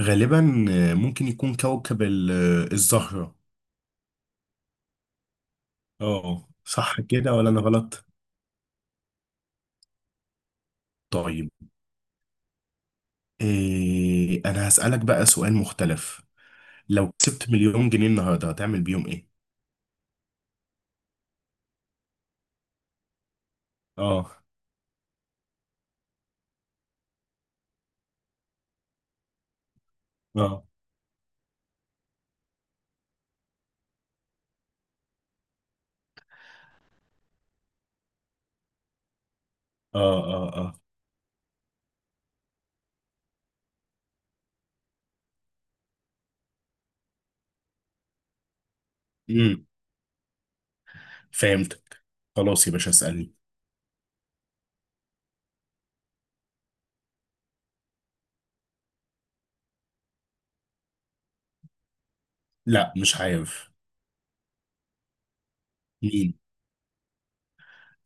غالبا، ممكن يكون كوكب الزهرة. اه، صح كده ولا أنا غلط؟ طيب، إيه، أنا هسألك بقى سؤال مختلف. لو كسبت مليون جنيه النهاردة هتعمل بيهم إيه؟ اه، اه، اه، اه، اه، امم فهمتك. خلاص يا باشا، اسألني. لا، مش عارف. مين؟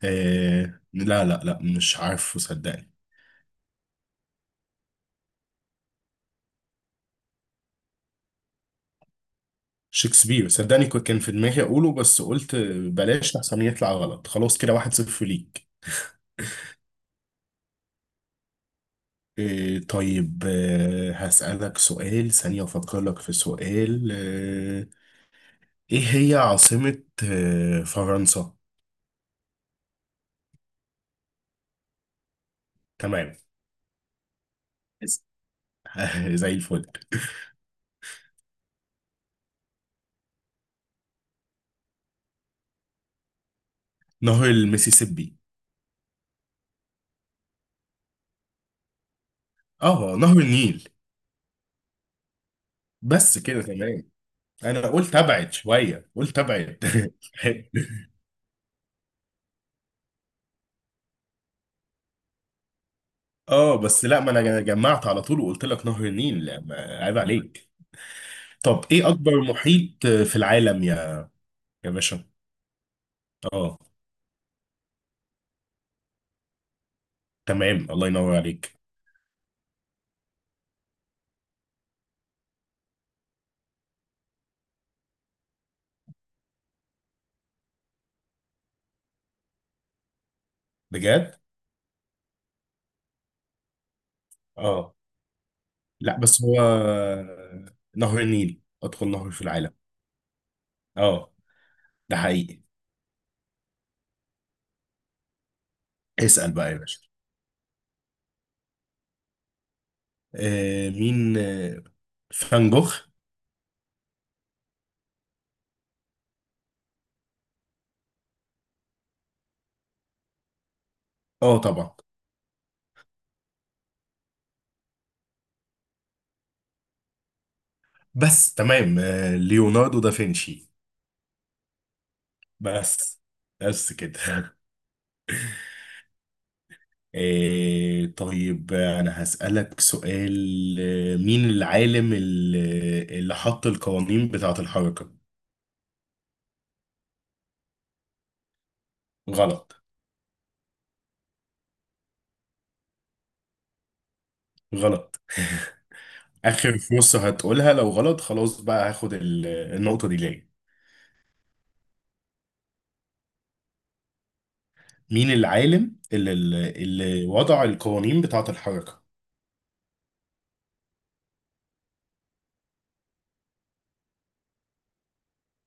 لا لا لا، مش عارفه صدقني. شكسبير، صدقني كان في دماغي أقوله، بس قلت بلاش أحسن يطلع غلط. خلاص كده، 1-0 ليك. إيه، طيب، هسألك سؤال ثانية. أفكر لك في سؤال. إيه هي عاصمة فرنسا؟ تمام. بس. زي الفل. نهر المسيسيبي. اه، نهر النيل. بس كده، تمام. انا قلت ابعد شويه، قلت ابعد. اه، بس لا، ما انا جمعت على طول وقلت لك نهر النيل. لا، ما... عيب عليك. طب، ايه اكبر محيط في العالم، يا يا باشا؟ اه، تمام، الله ينور عليك. بجد؟ اه، لا، بس هو نهر النيل أطول نهر في العالم. اه، ده حقيقي. اسأل بقى يا باشا. مين؟ فان جوخ. اه، طبعا. بس تمام. ليوناردو دافنشي. بس، بس كده. طيب، أنا هسألك سؤال. مين العالم اللي حط القوانين بتاعة الحركة؟ غلط. غلط. آخر فرصة هتقولها، لو غلط خلاص بقى هاخد النقطة دي ليا. مين العالم اللي وضع القوانين بتاعة الحركة؟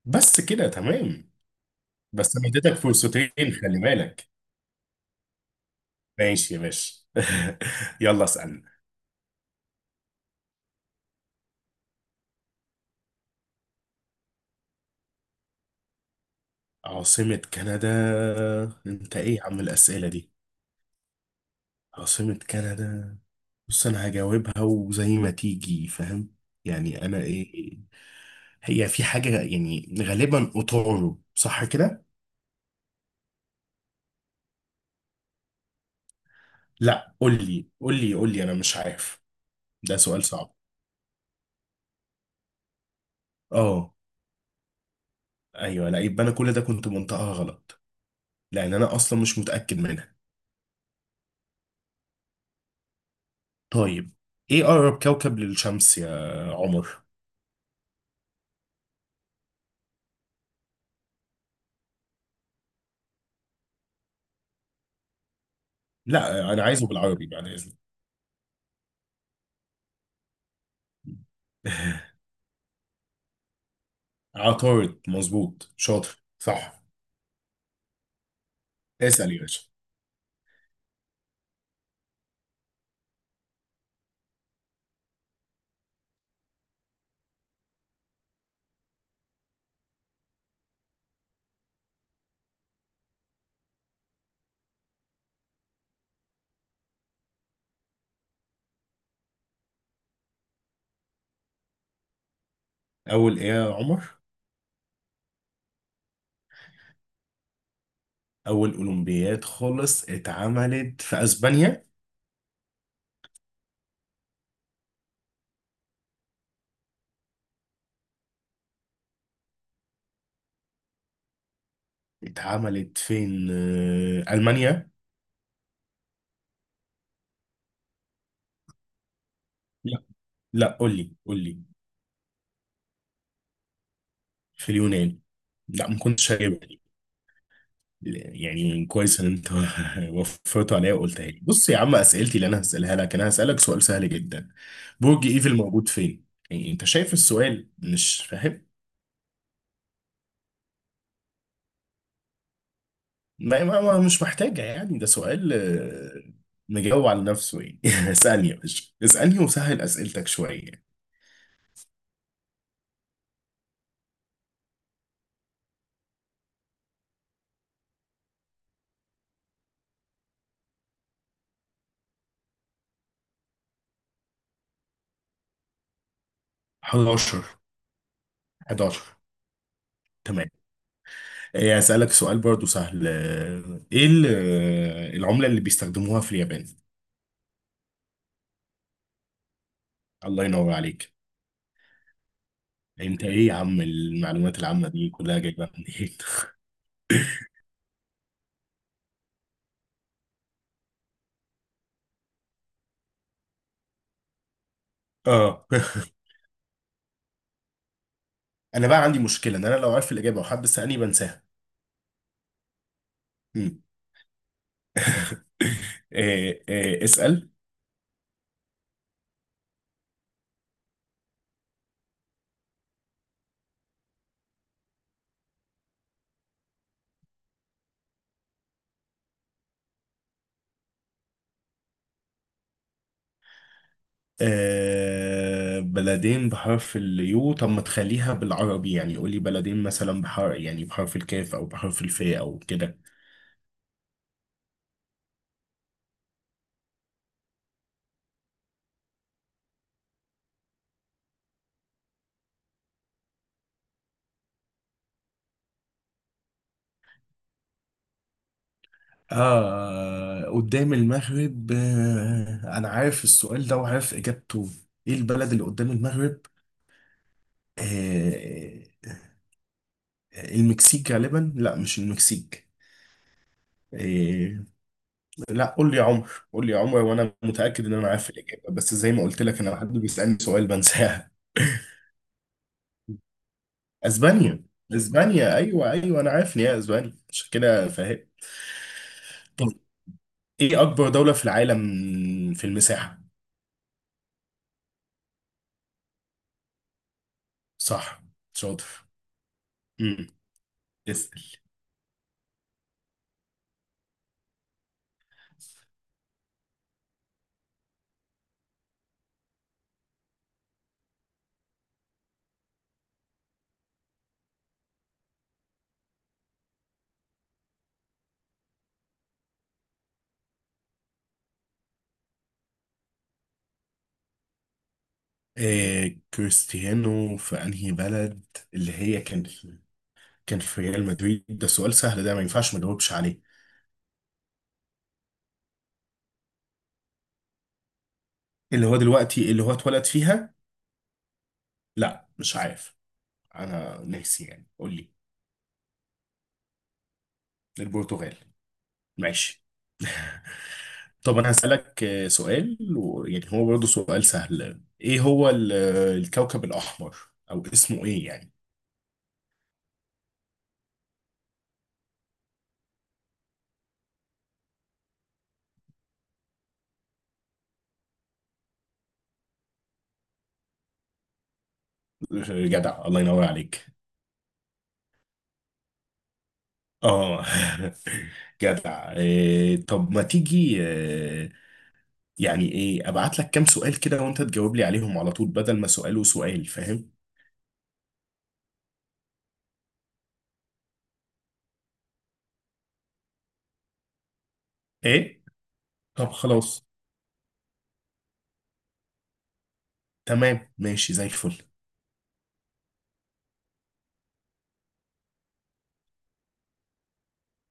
بس كده، تمام. بس انا اديتك فرصتين، خلي بالك. ماشي يا باشا. يلا اسألنا. عاصمة كندا؟ انت ايه يا عم الأسئلة دي؟ عاصمة كندا. بص، انا هجاوبها وزي ما تيجي، فاهم؟ يعني انا ايه. هي في حاجة يعني، غالبا اوتورو، صح كده؟ لا، قول لي قول لي قول لي، انا مش عارف. ده سؤال صعب. اه، ايوه. لا يبقى انا كل ده كنت منطقها غلط. لان انا اصلا مش متاكد منها. طيب، ايه اقرب كوكب للشمس يا عمر؟ لا، انا عايزه بالعربي بعد اذنك. عطارد، مظبوط، شاطر، صح. اسال يا باشا. اول ايه يا عمر؟ اول اولمبياد خالص اتعملت في اسبانيا. اتعملت فين؟ المانيا؟ لا، لا، قول لي قول لي. في اليونان؟ لا، ما كنتش هجيبها. يعني كويس ان انت وفرته عليا وقلتها لي. بص يا عم، اسئلتي اللي انا هسالها لك، انا هسالك سؤال سهل جدا. برج ايفل موجود فين؟ يعني انت شايف السؤال، مش فاهم؟ مش محتاجه يعني، ده سؤال مجاوب على نفسه يعني. اسالني يا باشا، اسالني وسهل اسئلتك شويه. 11، 11، تمام. إيه، هسالك سؤال برضو سهل. ايه العمله اللي بيستخدموها في اليابان؟ الله ينور عليك. يعني انت ايه يا عم المعلومات العامة دي كلها جايبها منين؟ اه، انا بقى عندي مشكلة، ان انا لو عارف الاجابة وحد سألني بنساها. مم. إيه، إيه، اسأل. بلدين بحرف اليو؟ طب ما تخليها بالعربي يعني، قول لي بلدين مثلا بحرف، يعني بحرف الكاف او بحرف الفاء او كده. اه، قدام المغرب. انا عارف السؤال ده وعارف اجابته. ايه البلد اللي قدام المغرب؟ آه المكسيك غالبا. لا، مش المكسيك. إيه؟ لا، قول لي يا عمر، قول لي يا عمر، وانا متاكد ان انا عارف الاجابه، بس زي ما قلت لك، انا حد بيسالني سؤال بنساها. اسبانيا، اسبانيا، ايوه، ايوه، انا عارف ان هي اسبانيا، عشان كده فاهم. طب، ايه اكبر دوله في العالم في المساحه؟ صح. شاطر. امم. اسال. إيه كريستيانو في انهي بلد؟ اللي هي كان في... كان في ريال مدريد، ده سؤال سهل، ده ما ينفعش ما نجاوبش عليه. اللي هو دلوقتي اللي هو اتولد فيها؟ لا، مش عارف. انا ناسي يعني، قول لي. البرتغال؟ ماشي. طب انا هسألك سؤال، ويعني هو برضه سؤال سهل. ايه هو الكوكب الاحمر، او اسمه ايه يعني؟ جدع، الله ينور عليك. اه، جدع. إيه، طب ما تيجي، يعني ايه ابعت لك كام سؤال كده وانت تجاوب لي عليهم على طول بدل ما سؤال وسؤال، فاهم؟ ايه، طب خلاص. تمام، ماشي، زي الفل.